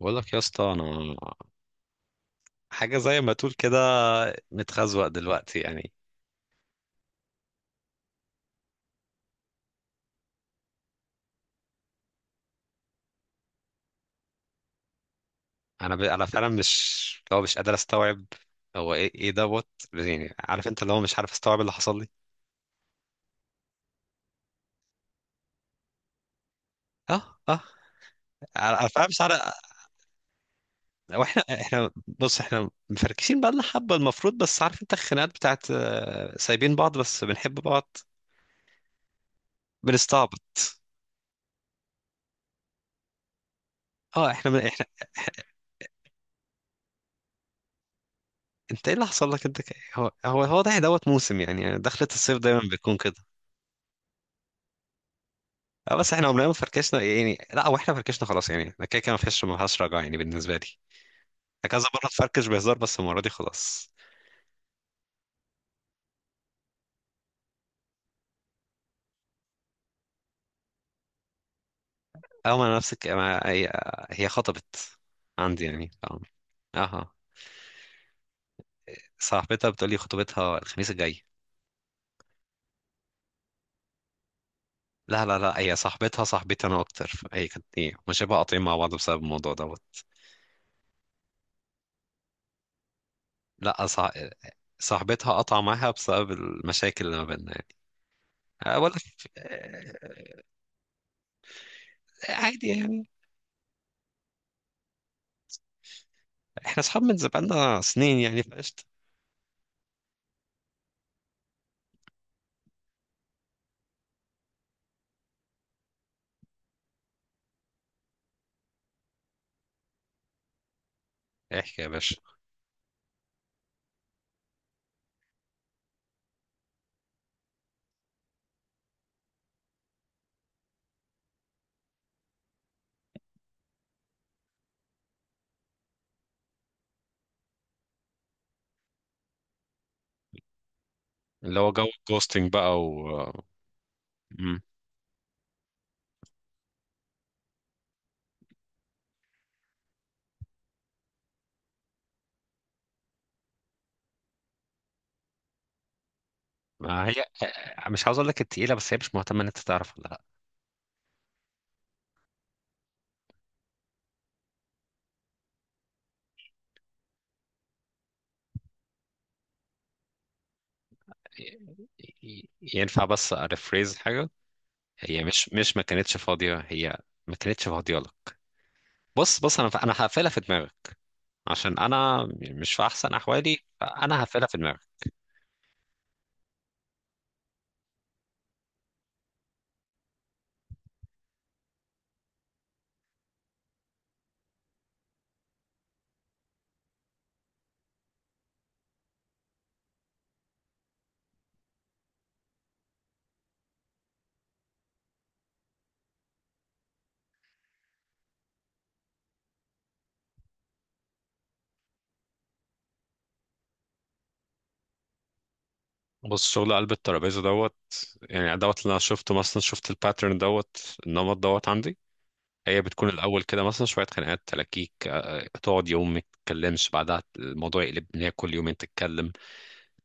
بقول لك يا اسطى، انا حاجه زي ما تقول كده متخزوق دلوقتي يعني. انا فعلا مش، لو مش قادر استوعب، هو ايه دوت. يعني عارف انت، اللي هو مش عارف استوعب اللي حصل لي. اه اه، انا فعلا مش عارف. واحنا بص، احنا مفركشين بقى لنا حبه المفروض، بس عارف انت الخناقات بتاعت، سايبين بعض بس بنحب بعض. بنستعبط. اه احنا من... احنا انت ايه اللي حصل لك، هو ده دوت موسم، يعني دخلة الصيف دايما بيكون كده. اه، بس احنا عمرنا ما فركشنا يعني. لا هو احنا فركشنا خلاص يعني، انا كده كده ما فيش، ما فيهاش رجعه يعني بالنسبه لي. انا كذا مره اتفركش بهزار، بس المره دي خلاص. اه، ما انا نفسك. ما هي هي خطبت عندي يعني، اه. اها، صاحبتها بتقولي خطوبتها الخميس الجاي. لا لا لا، هي صاحبتها صاحبتي انا اكتر، هي كانت ايه، مش شبه قاطعين مع بعض بسبب الموضوع دوت. لا، صاحبتها قطع معاها بسبب المشاكل اللي ما بيننا يعني. أه، ولا في... أه، عادي يعني. احنا اصحاب من زمان سنين يعني، فقشطة. احكي يا باشا. اللي هو جو الجوستنج بقى و... مم. ما هي، مش عاوز اقول لك التقيله، بس هي مش مهتمه ان انت تعرف ولا لا. ينفع بس اريفريز حاجه؟ هي مش ما كانتش فاضيه، هي ما كانتش فاضيه لك. بص بص، انا هقفلها في دماغك، عشان انا مش في احسن احوالي، فانا هقفلها في دماغك. بص، شغل قلب الترابيزه دوت. يعني دوت اللي انا شفته، مثلا شفت الباترن دوت، النمط دوت عندي. هي بتكون الأول كده، مثلا شوية خناقات تلاكيك، تقعد يوم ما تتكلمش، بعدها الموضوع يقلب إن هي كل يومين تتكلم،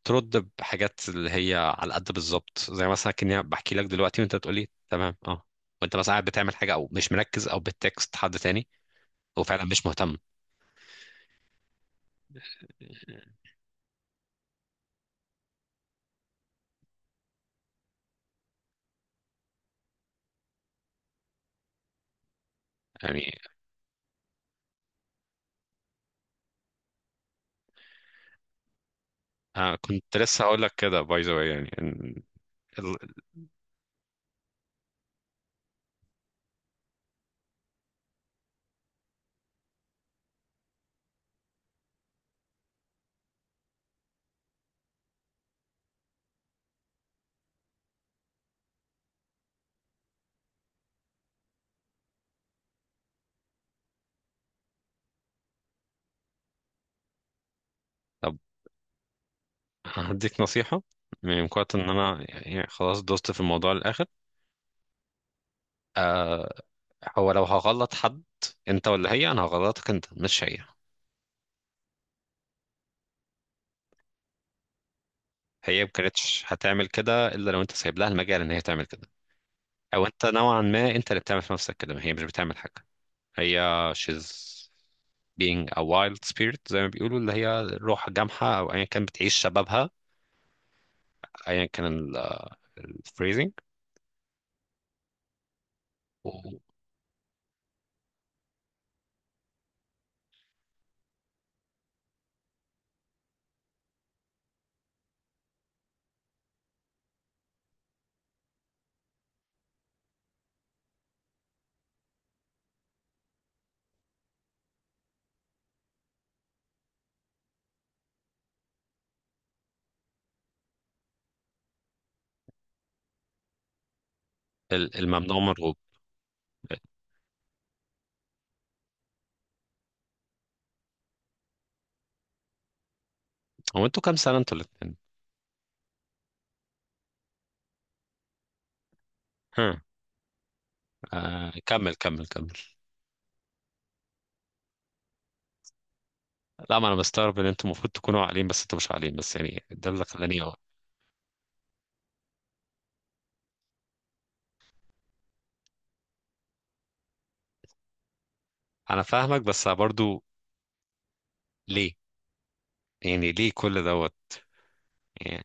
ترد بحاجات اللي هي على قد، بالظبط زي مثلا كأني بحكي لك دلوقتي وأنت بتقولي تمام. وأنت مثلا قاعد بتعمل حاجة، أو مش مركز، أو بتكست حد تاني، وفعلا مش مهتم. يعني أنا كنت لسه هقول لك كده باي ذا واي، يعني ال- طب هديك نصيحة. من قوة إن أنا، يعني خلاص دوست في الموضوع للآخر. هو لو هغلط حد، انت ولا هي، انا هغلطك انت مش هي. هي ما كانتش هتعمل كده الا لو انت سايب لها المجال ان هي تعمل كده. او انت نوعا ما، انت اللي بتعمل في نفسك كده، ما هي مش بتعمل حاجه. هي she's being a wild spirit، زي ما بيقولوا، اللي هي روح جامحه او ايا كان، بتعيش شبابها، ايا كان. الفريزنج. الممنوع مرغوب. هو انتوا كام سنه، انتوا الاثنين؟ ها. آه، كمل كمل كمل. لا، ما انا مستغرب ان انتوا المفروض تكونوا عاقلين، بس انتوا مش عاقلين، بس يعني ده اللي خلاني. انا فاهمك، بس برضو، ليه؟ يعني ليه كل دوت؟ يعني،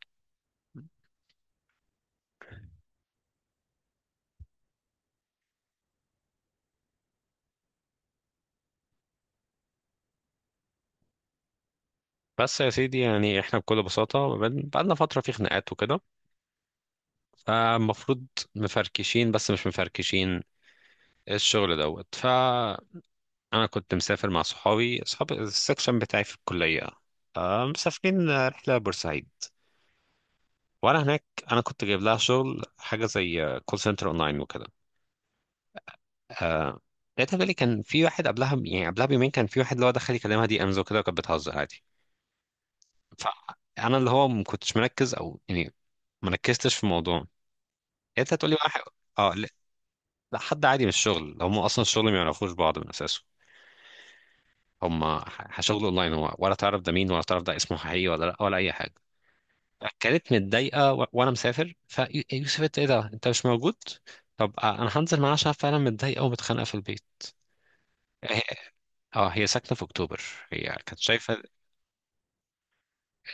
بس يا سيدي، يعني احنا بكل بساطة بقالنا فترة في خناقات وكده، فالمفروض مفركشين بس مش مفركشين، الشغل دوت. فأنا كنت مسافر مع صحابي صحاب السكشن بتاعي في الكلية، مسافرين رحلة بورسعيد. وأنا هناك، أنا كنت جايب لها شغل حاجة زي كول سنتر أونلاين وكده. آه، لقيتها بتقولي كان في واحد قبلها، يعني قبلها بيومين كان في واحد اللي هو دخل يكلمها دي أمز وكده، وكانت بتهزر عادي. فانا اللي هو ما كنتش مركز، او يعني ما ركزتش في الموضوع. انت هتقولي بقى اه لا، لا، حد عادي من الشغل، هم اصلا الشغل ما يعرفوش بعض من اساسه. هم شغل اونلاين، هو ولا تعرف ده مين، ولا تعرف ده اسمه حقيقي ولا لا، ولا اي حاجه. كانت متضايقه، وانا مسافر، فيوسف انت ايه ده، انت مش موجود. طب، انا هنزل معاها عشان فعلا متضايقه ومتخانقه في البيت. هي- اه هي ساكنه في اكتوبر، هي كانت شايفه.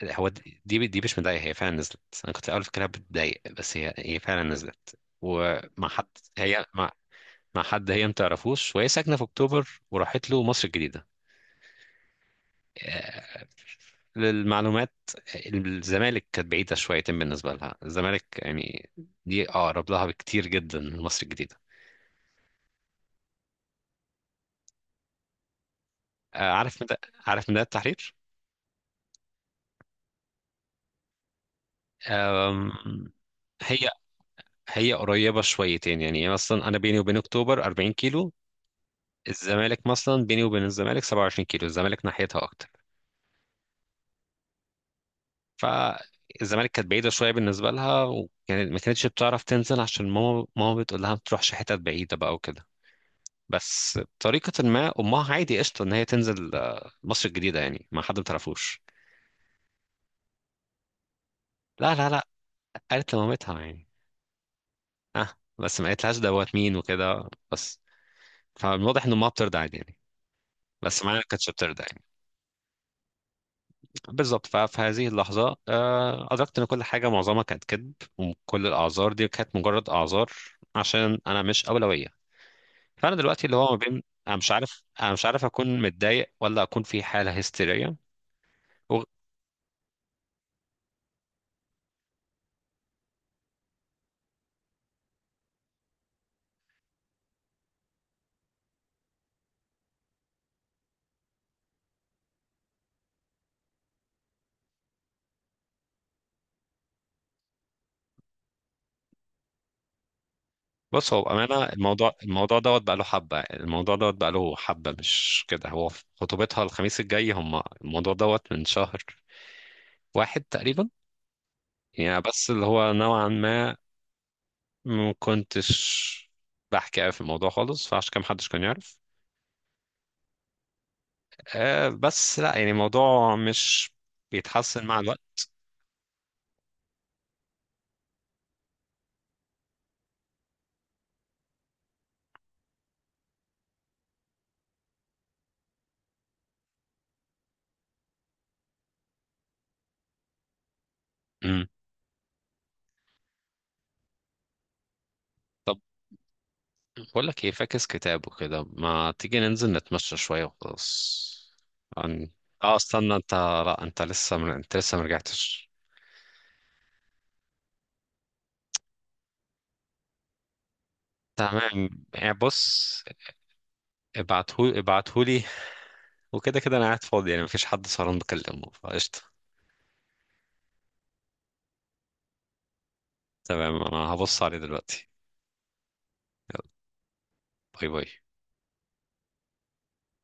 هو دي مش مضايقة، هي فعلا نزلت، انا كنت في الاول فاكرها بتضايق، بس هي فعلا نزلت. ومع حد، هي مع حد هي ما تعرفوش، وهي ساكنة في اكتوبر، وراحت له مصر الجديدة. آه، للمعلومات، الزمالك كانت بعيدة شويتين بالنسبة لها، الزمالك يعني دي اقرب لها بكتير جدا من مصر الجديدة. آه، عارف مدى عارف مدى التحرير؟ أم، هي هي قريبة شويتين يعني، مثلا أنا بيني وبين أكتوبر 40 كيلو، الزمالك مثلا بيني وبين الزمالك 27 كيلو، الزمالك ناحيتها اكتر. فالزمالك كانت بعيده شويه بالنسبه لها، وكانت ما كانتش بتعرف تنزل عشان ماما بتقول لها ما تروحش حتت بعيده بقى وكده. بس بطريقه ما امها عادي قشطه ان هي تنزل مصر الجديده، يعني مع حد ما تعرفوش. لا لا لا، قالت لمامتها يعني. اه، بس ما قالتلهاش دوت مين وكده بس. فالواضح ان امها بترضى عادي يعني، بس معايا ما كانتش بترضى يعني. بالظبط. ففي هذه اللحظة أدركت إن كل حاجة معظمها كانت كذب، وكل الأعذار دي كانت مجرد أعذار، عشان أنا مش أولوية. فأنا دلوقتي اللي هو ما بين، أنا مش عارف أكون متضايق ولا أكون في حالة هستيرية. وغ- بص، هو بأمانة الموضوع دوت بقى له حبة، الموضوع دوت بقى له حبة، مش كده، هو في خطوبتها الخميس الجاي، هم الموضوع دوت من شهر واحد تقريبا يعني. بس اللي هو نوعا ما، ما كنتش بحكي أوي في الموضوع خالص، فعشان كده محدش كان يعرف. آه، بس لا يعني الموضوع مش بيتحسن مع الوقت. امم طب، بقول لك ايه، فاكس كتاب وكده، ما تيجي ننزل نتمشى شوية وخلاص. عن- اه استنى انت، لا انت لسه انت لسه مرجعتش. تمام يعني، بص، ابعتهولي وكده كده انا قاعد فاضي، يعني مفيش حد سهران بكلمه فقشطة. تمام، انا هبص عليه دلوقتي. يلا، باي باي.